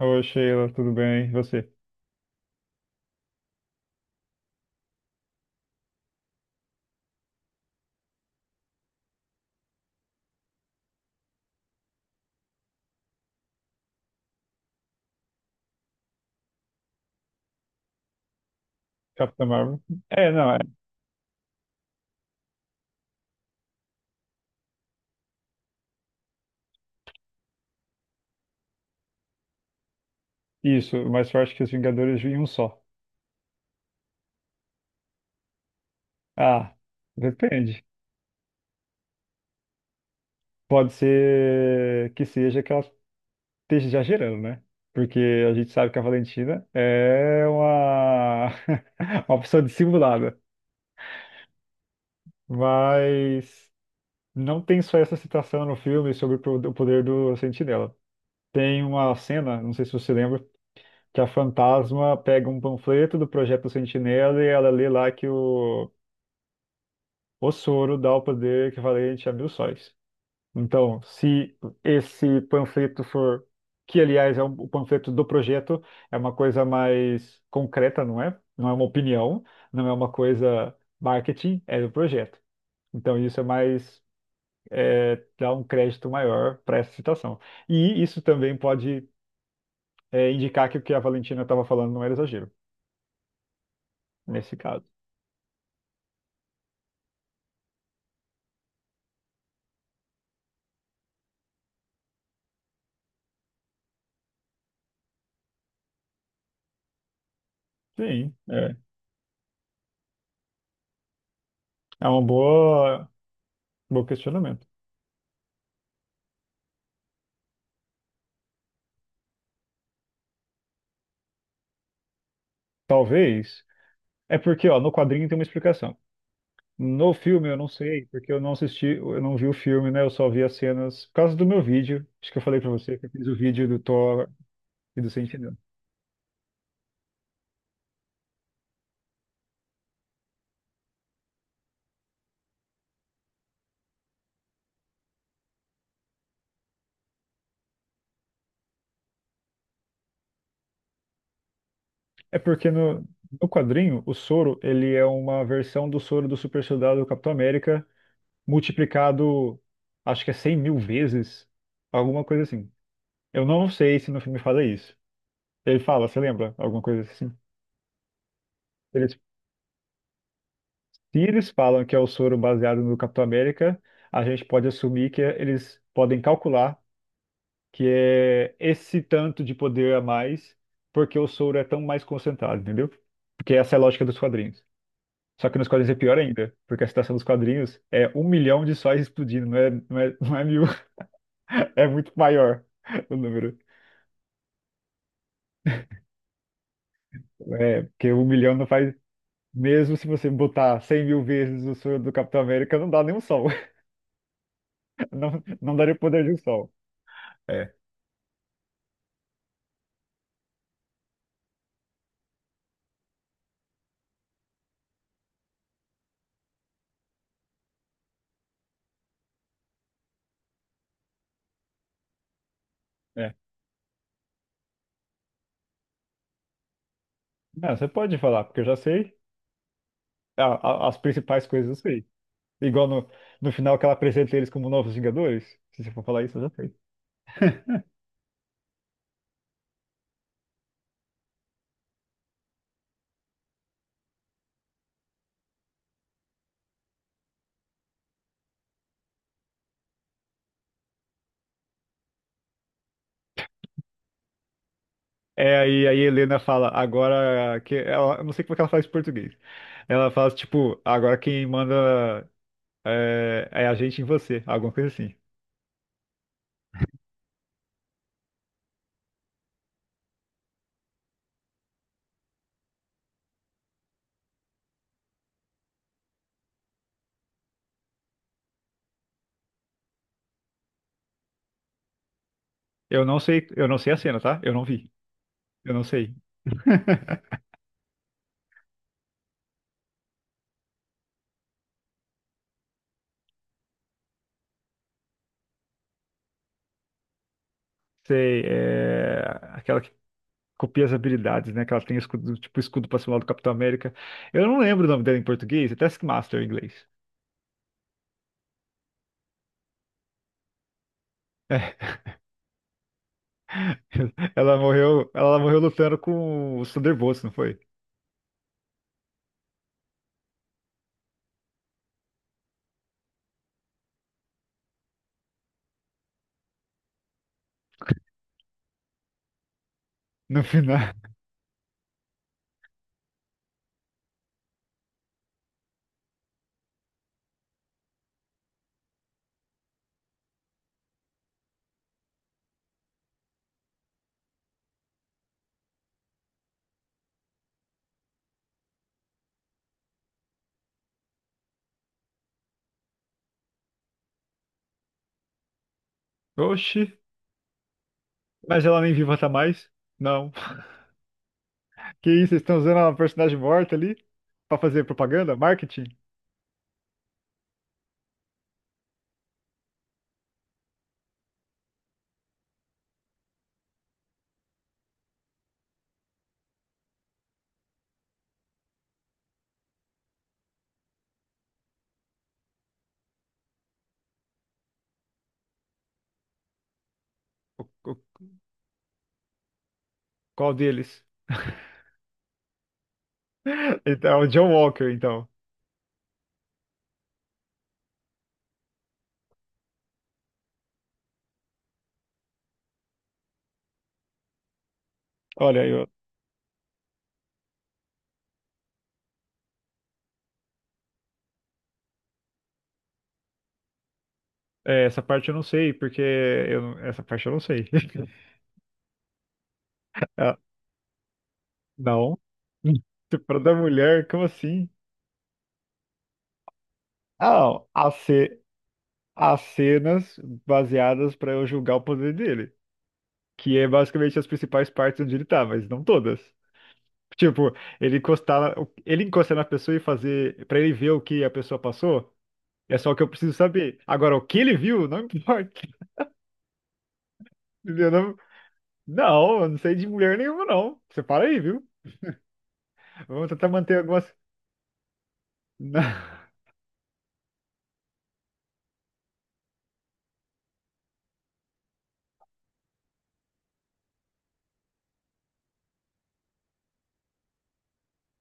Oi, Sheila, tudo bem? E você? Capitã Marvel? É, não, é isso, mas eu acho que os Vingadores vêm em um só. Ah, depende. Pode ser que seja que ela esteja exagerando, né? Porque a gente sabe que a Valentina é uma, uma pessoa dissimulada. Mas não tem só essa citação no filme sobre o poder do Sentinela. Tem uma cena, não sei se você lembra, que a fantasma pega um panfleto do Projeto Sentinela e ela lê lá que o soro dá o poder equivalente a 1.000 sóis. Então, se esse panfleto for, que aliás é o panfleto do projeto, é uma coisa mais concreta, não é? Não é uma opinião, não é uma coisa marketing, é do projeto. Então, isso é mais, é, dá um crédito maior para essa citação. E isso também pode, é, indicar que o que a Valentina estava falando não era exagero, nesse caso. Sim, é bom questionamento. Talvez. É porque, ó, no quadrinho tem uma explicação. No filme eu não sei, porque eu não assisti, eu não vi o filme, né? Eu só vi as cenas por causa do meu vídeo. Acho que eu falei pra você que eu fiz o vídeo do Thor e do Sentinela. É porque no quadrinho, o soro, ele é uma versão do soro do super soldado do Capitão América multiplicado, acho que é 100.000 vezes, alguma coisa assim. Eu não sei se no filme fala isso. Ele fala, você lembra? Alguma coisa assim. Ele Se eles falam que é o soro baseado no Capitão América, a gente pode assumir que eles podem calcular que é esse tanto de poder a mais, porque o soro é tão mais concentrado, entendeu? Porque essa é a lógica dos quadrinhos. Só que nos quadrinhos é pior ainda, porque a situação dos quadrinhos é 1 milhão de sóis explodindo, não é 1.000, é muito maior o número. É, porque 1 milhão não faz. Mesmo se você botar 100.000 vezes o soro do Capitão América, não dá nem um sol. Não, não daria o poder de um sol. É, é. Ah, você pode falar, porque eu já sei a- as principais coisas, eu sei. Igual no final que ela apresenta eles como novos Vingadores. Se você for falar isso, eu já sei. É, aí a Helena fala, agora que ela, eu não sei como é que ela faz em português. Ela fala, tipo, agora quem manda é a gente em você, alguma coisa assim. Eu não sei a cena, tá? Eu não vi. Eu não sei. Sei, é aquela que copia as habilidades, né? Que ela tem o escudo, tipo escudo pra cima do Capitão América. Eu não lembro o nome dela em português, é Taskmaster em inglês. Ela morreu lutando com os Thunderbolts, não foi? No final. Oxi, mas ela nem viva tá mais? Não. Que isso, vocês estão usando uma personagem morta ali pra fazer propaganda, marketing? O- o- Qual deles? Então, é o John Walker, então. Olha, é, essa parte eu não sei, porque eu não- essa parte eu não sei. Ah, não. Estupro da mulher, como assim? Ah, não. As cenas baseadas pra eu julgar o poder dele. Que é basicamente as principais partes onde ele tá, mas não todas. Tipo, ele encostar, ele encostar na pessoa e fazer, pra ele ver o que a pessoa passou, é só o que eu preciso saber. Agora, o que ele viu, não importa. Entendeu? Não, não, eu não sei de mulher nenhuma, não. Você para aí, viu? Vamos tentar manter algumas.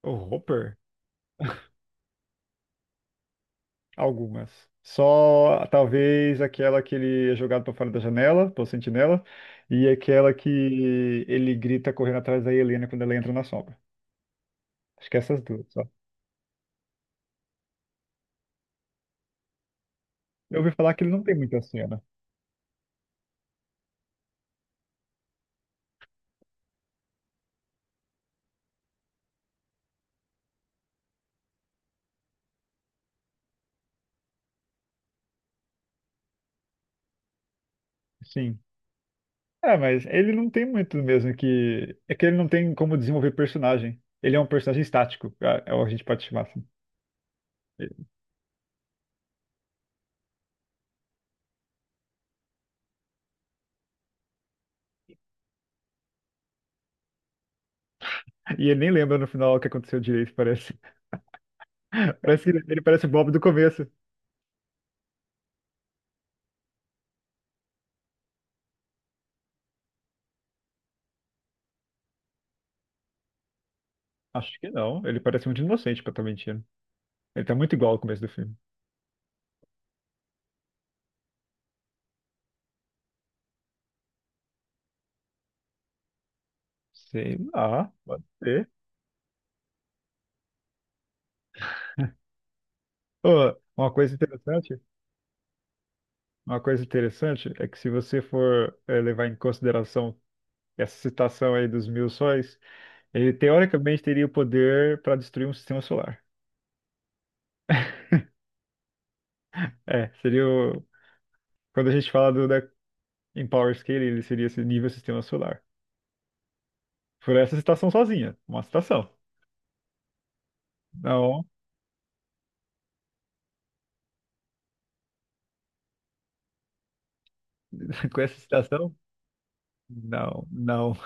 O Hopper? Algumas. Só talvez aquela que ele é jogado pra fora da janela, pelo sentinela, e aquela que ele grita correndo atrás da Helena quando ela entra na sombra. Acho que é essas duas. Eu ouvi falar que ele não tem muita cena. Sim. É, mas ele não tem muito mesmo que. É que ele não tem como desenvolver personagem. Ele é um personagem estático, a gente pode chamar assim. E ele nem lembra no final o que aconteceu direito, parece. Parece que ele parece o Bob do começo. Acho que não. Ele parece muito inocente pra estar mentindo. Ele tá muito igual ao começo do filme. Sei lá, pode ser. Ô, uma coisa interessante, é que se você for levar em consideração essa citação aí dos 1.000 sóis, ele teoricamente teria o poder para destruir um sistema solar. É, seria o... Quando a gente fala do da em Power Scale, ele seria esse nível sistema solar. Por essa citação sozinha, uma citação. Não, com essa citação, não, não.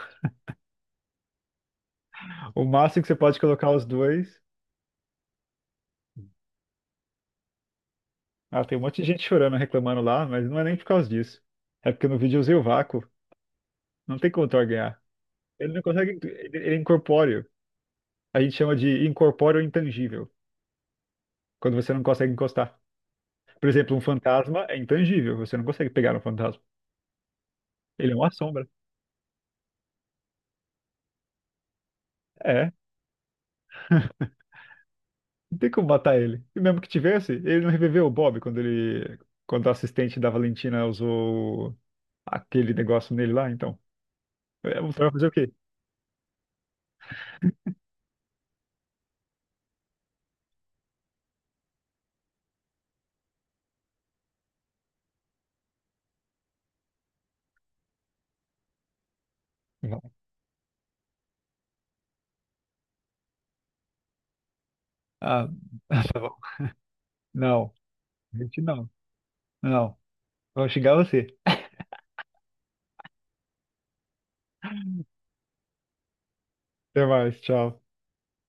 O máximo que você pode colocar os dois. Ah, tem um monte de gente chorando, reclamando lá, mas não é nem por causa disso. É porque no vídeo eu usei o vácuo. Não tem como Thor ganhar. Ele não consegue. Ele é incorpóreo. A gente chama de incorpóreo intangível, quando você não consegue encostar. Por exemplo, um fantasma é intangível, você não consegue pegar um fantasma. Ele é uma sombra. É, não tem como matar ele. E mesmo que tivesse, ele não reviveu o Bob quando o assistente da Valentina usou aquele negócio nele lá, então. É, você vai fazer o quê? Não. Ah, tá bom. Não, gente, não. Não. Vou xingar você. Até mais, tchau.